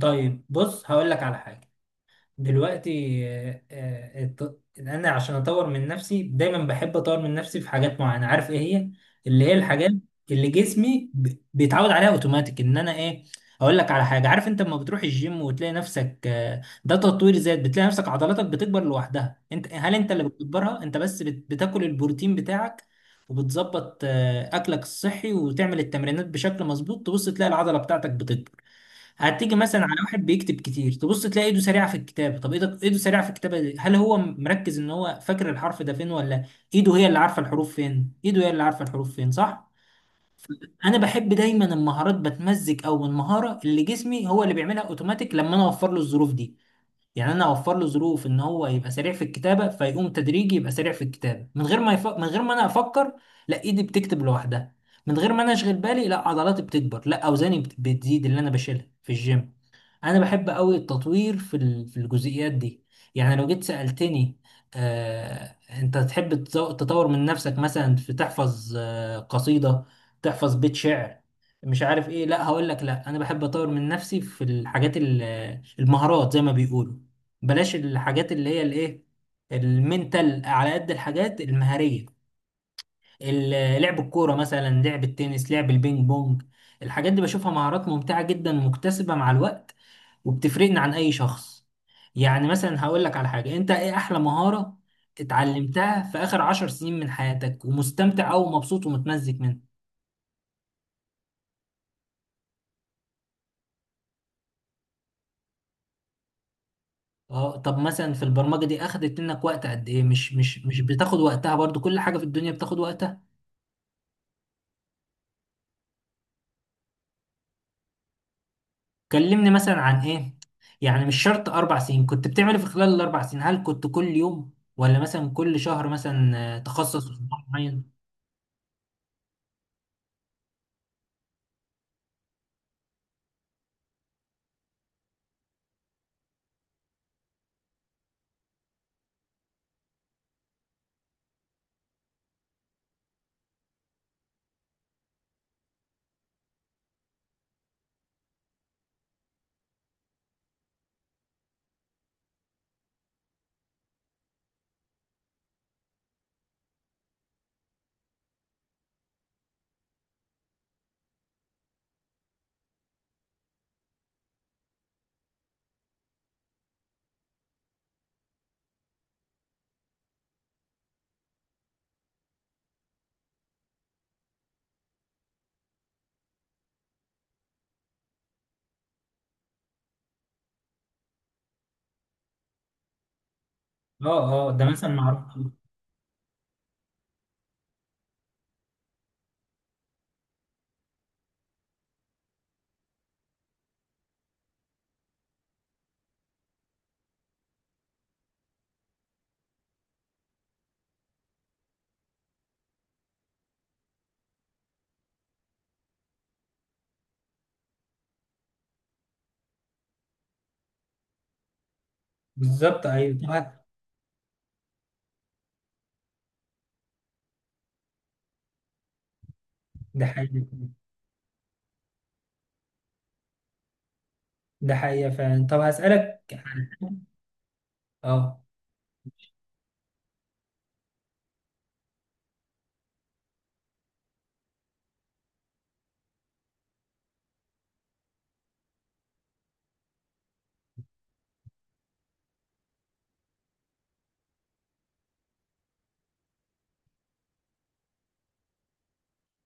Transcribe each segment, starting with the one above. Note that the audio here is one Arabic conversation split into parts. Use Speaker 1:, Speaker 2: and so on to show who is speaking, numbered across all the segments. Speaker 1: طيب بص هقول لك على حاجة دلوقتي. أنا عشان أطور من نفسي دايما بحب أطور من نفسي في حاجات معينة، عارف إيه هي؟ اللي هي الحاجات اللي بيتعود عليها أوتوماتيك، إن أنا إيه. أقول لك على حاجة، عارف أنت لما بتروح الجيم وتلاقي نفسك، ده تطوير ذات، بتلاقي نفسك عضلاتك بتكبر لوحدها. أنت هل أنت اللي بتكبرها؟ أنت بس بتاكل البروتين بتاعك وبتظبط أكلك الصحي وتعمل التمرينات بشكل مظبوط، تبص تلاقي العضلة بتاعتك بتكبر. هتيجي مثلا على واحد بيكتب كتير، تبص تلاقي ايده سريعه في الكتابه. طب ايده، ايده سريعه في الكتابه دي، هل هو مركز ان هو فاكر الحرف ده فين، ولا ايده هي اللي عارفه الحروف فين؟ ايده هي اللي عارفه الحروف فين، صح. انا بحب دايما المهارات بتمزج او المهاره اللي جسمي هو اللي بيعملها اوتوماتيك لما انا اوفر له الظروف دي. يعني انا اوفر له ظروف ان هو يبقى سريع في الكتابه، فيقوم تدريجي يبقى سريع في الكتابه من غير ما من غير ما انا افكر، لا ايدي بتكتب لوحدها. من غير ما انا اشغل بالي، لا عضلاتي بتكبر، لا اوزاني بتزيد، اللي انا بشيلها في الجيم. انا بحب قوي التطوير في الجزئيات دي. يعني لو جيت سالتني، انت تحب تطور من نفسك مثلا في تحفظ قصيده، تحفظ بيت شعر، مش عارف ايه، لا هقول لك، لا انا بحب اطور من نفسي في المهارات زي ما بيقولوا. بلاش الحاجات اللي هي الايه، المنتال، على قد الحاجات المهاريه. لعب الكوره مثلا، لعب التنس، لعب البينج بونج، الحاجات دي بشوفها مهارات ممتعه جدا، مكتسبه مع الوقت، وبتفرقنا عن اي شخص. يعني مثلا هقول لك على حاجه، انت ايه احلى مهاره اتعلمتها في اخر 10 سنين من حياتك ومستمتع او مبسوط ومتمزج منها؟ اه. طب مثلا في البرمجه دي اخدت منك وقت قد ايه؟ مش بتاخد وقتها؟ برضو كل حاجه في الدنيا بتاخد. كلمني مثلا عن ايه، يعني مش شرط 4 سنين، كنت بتعمل إيه في خلال ال 4 سنين؟ هل كنت كل يوم ولا مثلا كل شهر مثلا تخصص في موضوع معين؟ اه اه، ده مثلا معروف. بالظبط، ايوه طبعا. ده حقيقي. ده حقيقة فعلا. طب هسألك عن حاجة. اه.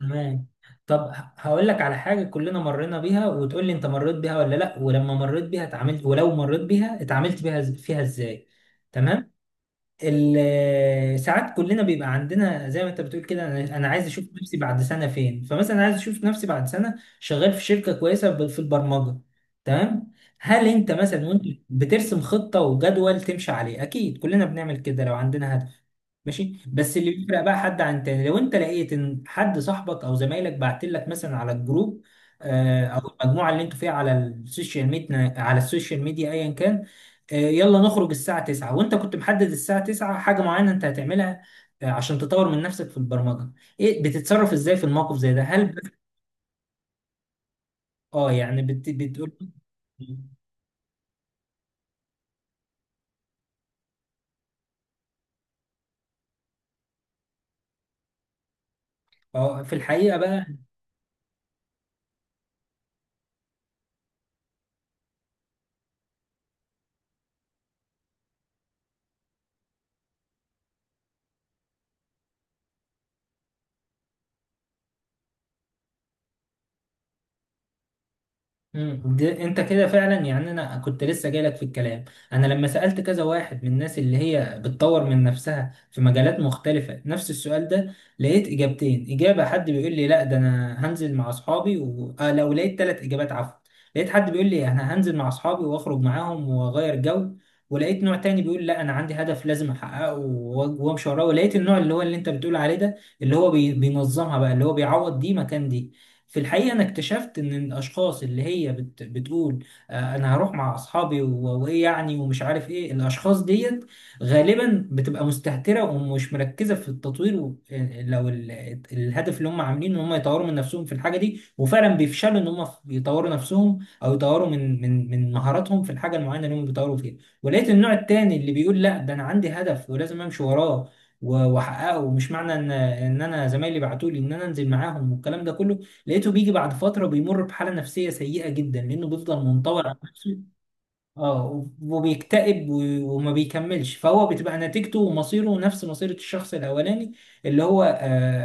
Speaker 1: تمام. طب هقول لك على حاجة كلنا مرينا بيها، وتقول لي انت مريت بيها ولا لا، ولما مريت بيها اتعاملت، ولو مريت بيها اتعاملت بيها فيها ازاي. تمام. ساعات كلنا بيبقى عندنا زي ما انت بتقول كده، أنا عايز اشوف نفسي بعد سنه فين، فمثلا عايز اشوف نفسي بعد سنه شغال في شركه كويسه، في البرمجه. تمام. هل انت مثلا وانت بترسم خطه وجدول تمشي عليه، اكيد كلنا بنعمل كده لو عندنا هدف، ماشي. بس اللي بيفرق بقى حد عن تاني، لو انت لقيت ان حد صاحبك او زمايلك بعت لك مثلا على الجروب او المجموعه اللي انتوا فيها على السوشيال ميديا على السوشيال ميديا ايا كان، يلا نخرج الساعه 9، وانت كنت محدد الساعه 9 حاجه معينه انت هتعملها عشان تطور من نفسك في البرمجه، ايه بتتصرف ازاي في الموقف زي ده؟ هل اه يعني بتقول، اه. في الحقيقه بقى، ده انت كده فعلا، يعني انا كنت لسه جايلك في الكلام. انا لما سألت كذا واحد من الناس اللي هي بتطور من نفسها في مجالات مختلفة نفس السؤال ده، لقيت اجابتين، اجابة حد بيقول لي لا ده انا هنزل مع اصحابي و... آه لو لقيت 3 اجابات، عفوا. لقيت حد بيقول لي انا هنزل مع اصحابي واخرج معاهم واغير جو، ولقيت نوع تاني بيقول لا انا عندي هدف لازم احققه وامشي وراه، ولقيت النوع اللي هو اللي انت بتقول عليه ده، اللي هو بينظمها بقى، اللي هو بيعوض دي مكان دي. في الحقيقة أنا اكتشفت إن الأشخاص اللي هي بتقول آه أنا هروح مع أصحابي وإيه يعني ومش عارف إيه، الأشخاص ديت غالبا بتبقى مستهترة ومش مركزة في التطوير، لو ال- الهدف اللي هم عاملينه إن هم يطوروا من نفسهم في الحاجة دي، وفعلا بيفشلوا إن هم يطوروا نفسهم أو يطوروا من من مهاراتهم في الحاجة المعينة اللي هم بيطوروا فيها. ولقيت النوع التاني اللي بيقول لا ده أنا عندي هدف ولازم أمشي وراه واحققه، مش معنى ان ان انا زمايلي بعتوا لي ان انا انزل معاهم والكلام ده كله. لقيته بيجي بعد فتره بيمر بحاله نفسيه سيئه جدا لانه بيفضل منطوي على نفسه. اه، وبيكتئب وما بيكملش، فهو بتبقى نتيجته ومصيره نفس مصيرة الشخص الأولاني اللي هو آه،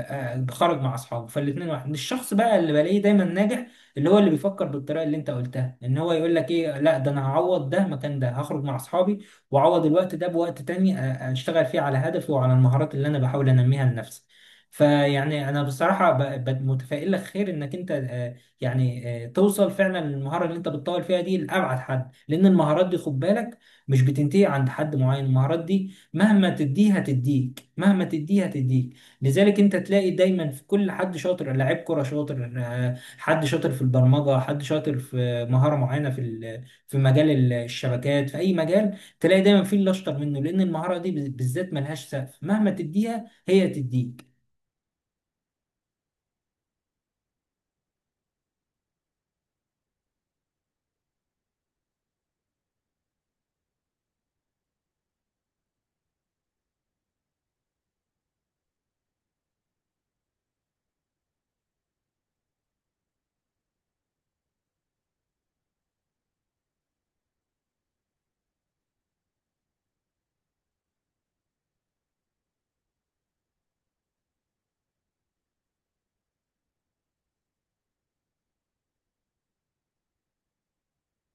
Speaker 1: آه، خرج مع أصحابه. فالاتنين واحد. الشخص بقى اللي بلاقيه دايما ناجح، اللي هو اللي بيفكر بالطريقة اللي أنت قلتها، إن هو يقول لك إيه، لا ده أنا هعوض ده مكان ده، هخرج مع أصحابي وأعوض الوقت ده بوقت تاني أشتغل فيه على هدفي وعلى المهارات اللي أنا بحاول أنميها لنفسي. فيعني أنا بصراحة متفائل لك خير إنك أنت توصل فعلا للمهارة اللي أنت بتطور فيها دي لأبعد حد. لان المهارات دي خد بالك، مش بتنتهي عند حد معين. المهارات دي مهما تديه هتديك، مهما تديه هتديك. لذلك انت تلاقي دايما في كل حد شاطر، لاعب كرة شاطر، حد شاطر في البرمجة، حد شاطر في مهارة معينة في مجال الشبكات، في اي مجال تلاقي دايما في اللي اشطر منه، لان المهارة دي بالذات ملهاش سقف، مهما تديها هي تديك.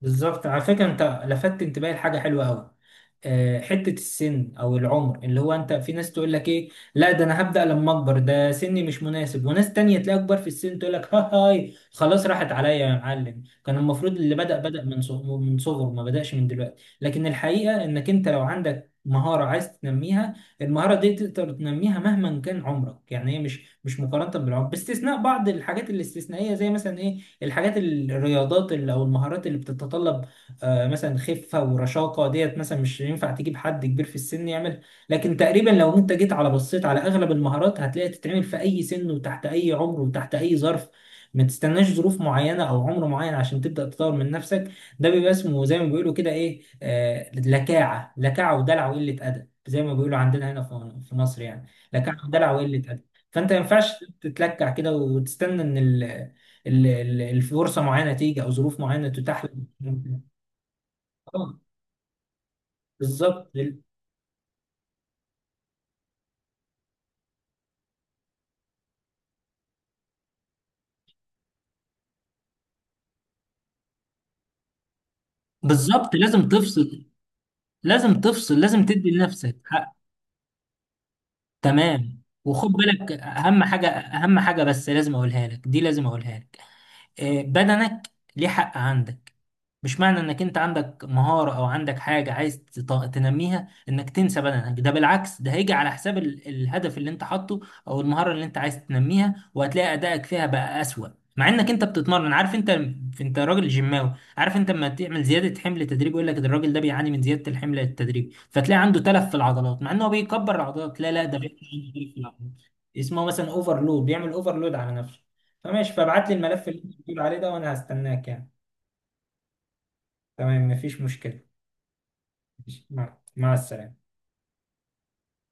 Speaker 1: بالظبط، على فكرة انت لفتت انتباهي لحاجة حلوة قوي. حتة السن او العمر اللي هو، انت في ناس تقول لك ايه، لا ده انا هبدأ لما اكبر، ده سني مش مناسب. وناس تانية تلاقي اكبر في السن تقول لك ها هاي خلاص راحت عليا يا معلم، كان المفروض اللي بدأ بدأ من صغره، ما بدأش من دلوقتي. لكن الحقيقة انك انت لو عندك مهارة عايز تنميها، المهارة دي تقدر تنميها مهما كان عمرك، يعني هي مش مقارنة بالعمر، باستثناء بعض الحاجات الاستثنائية زي مثلا ايه، او المهارات اللي بتتطلب مثلا خفه ورشاقه ديت، مثلا مش ينفع تجيب حد كبير في السن يعمل. لكن تقريبا لو انت جيت على بصيت على اغلب المهارات، هتلاقي تتعمل في اي سن وتحت اي عمر وتحت اي ظرف. ما تستناش ظروف معينه او عمر معين عشان تبدا تطور من نفسك. ده بيبقى اسمه زي ما بيقولوا كده ايه، لكاعه، لكاعه ودلع وقله ادب، زي ما بيقولوا عندنا هنا في مصر يعني. لكاعه ودلع وقله ادب، فانت ما ينفعش تتلكع كده وتستنى ان ال- ال- ال- الفرصه معينه تيجي او ظروف معينه تتاح لك. آه، بالظبط. بالظبط لازم تفصل، لازم تفصل، لازم تدي لنفسك حق. تمام، وخد بالك اهم حاجه، اهم حاجه بس لازم اقولها لك دي، لازم اقولها لك. بدنك ليه حق عندك. مش معنى انك انت عندك مهارة او عندك حاجة عايز تنميها انك تنسى بدنك. ده بالعكس ده هيجي على حساب الهدف اللي انت حاطه او المهارة اللي انت عايز تنميها، وهتلاقي ادائك فيها بقى اسوأ، مع انك انت بتتمرن. عارف انت، انت راجل جيماوي، عارف انت لما تعمل زيادة حمل تدريج، يقول لك ده الراجل ده بيعاني من زيادة الحمل التدريج، فتلاقي عنده تلف في العضلات، مع انه هو بيكبر العضلات، لا ده بيعمل عنده تلف في العضلات. اسمه مثلا اوفرلود، بيعمل اوفرلود على نفسه. فماشي، فابعت لي الملف اللي انت بتقول عليه ده وانا هستناك يعني. تمام، مفيش مشكلة. ماشي. مع السلامة.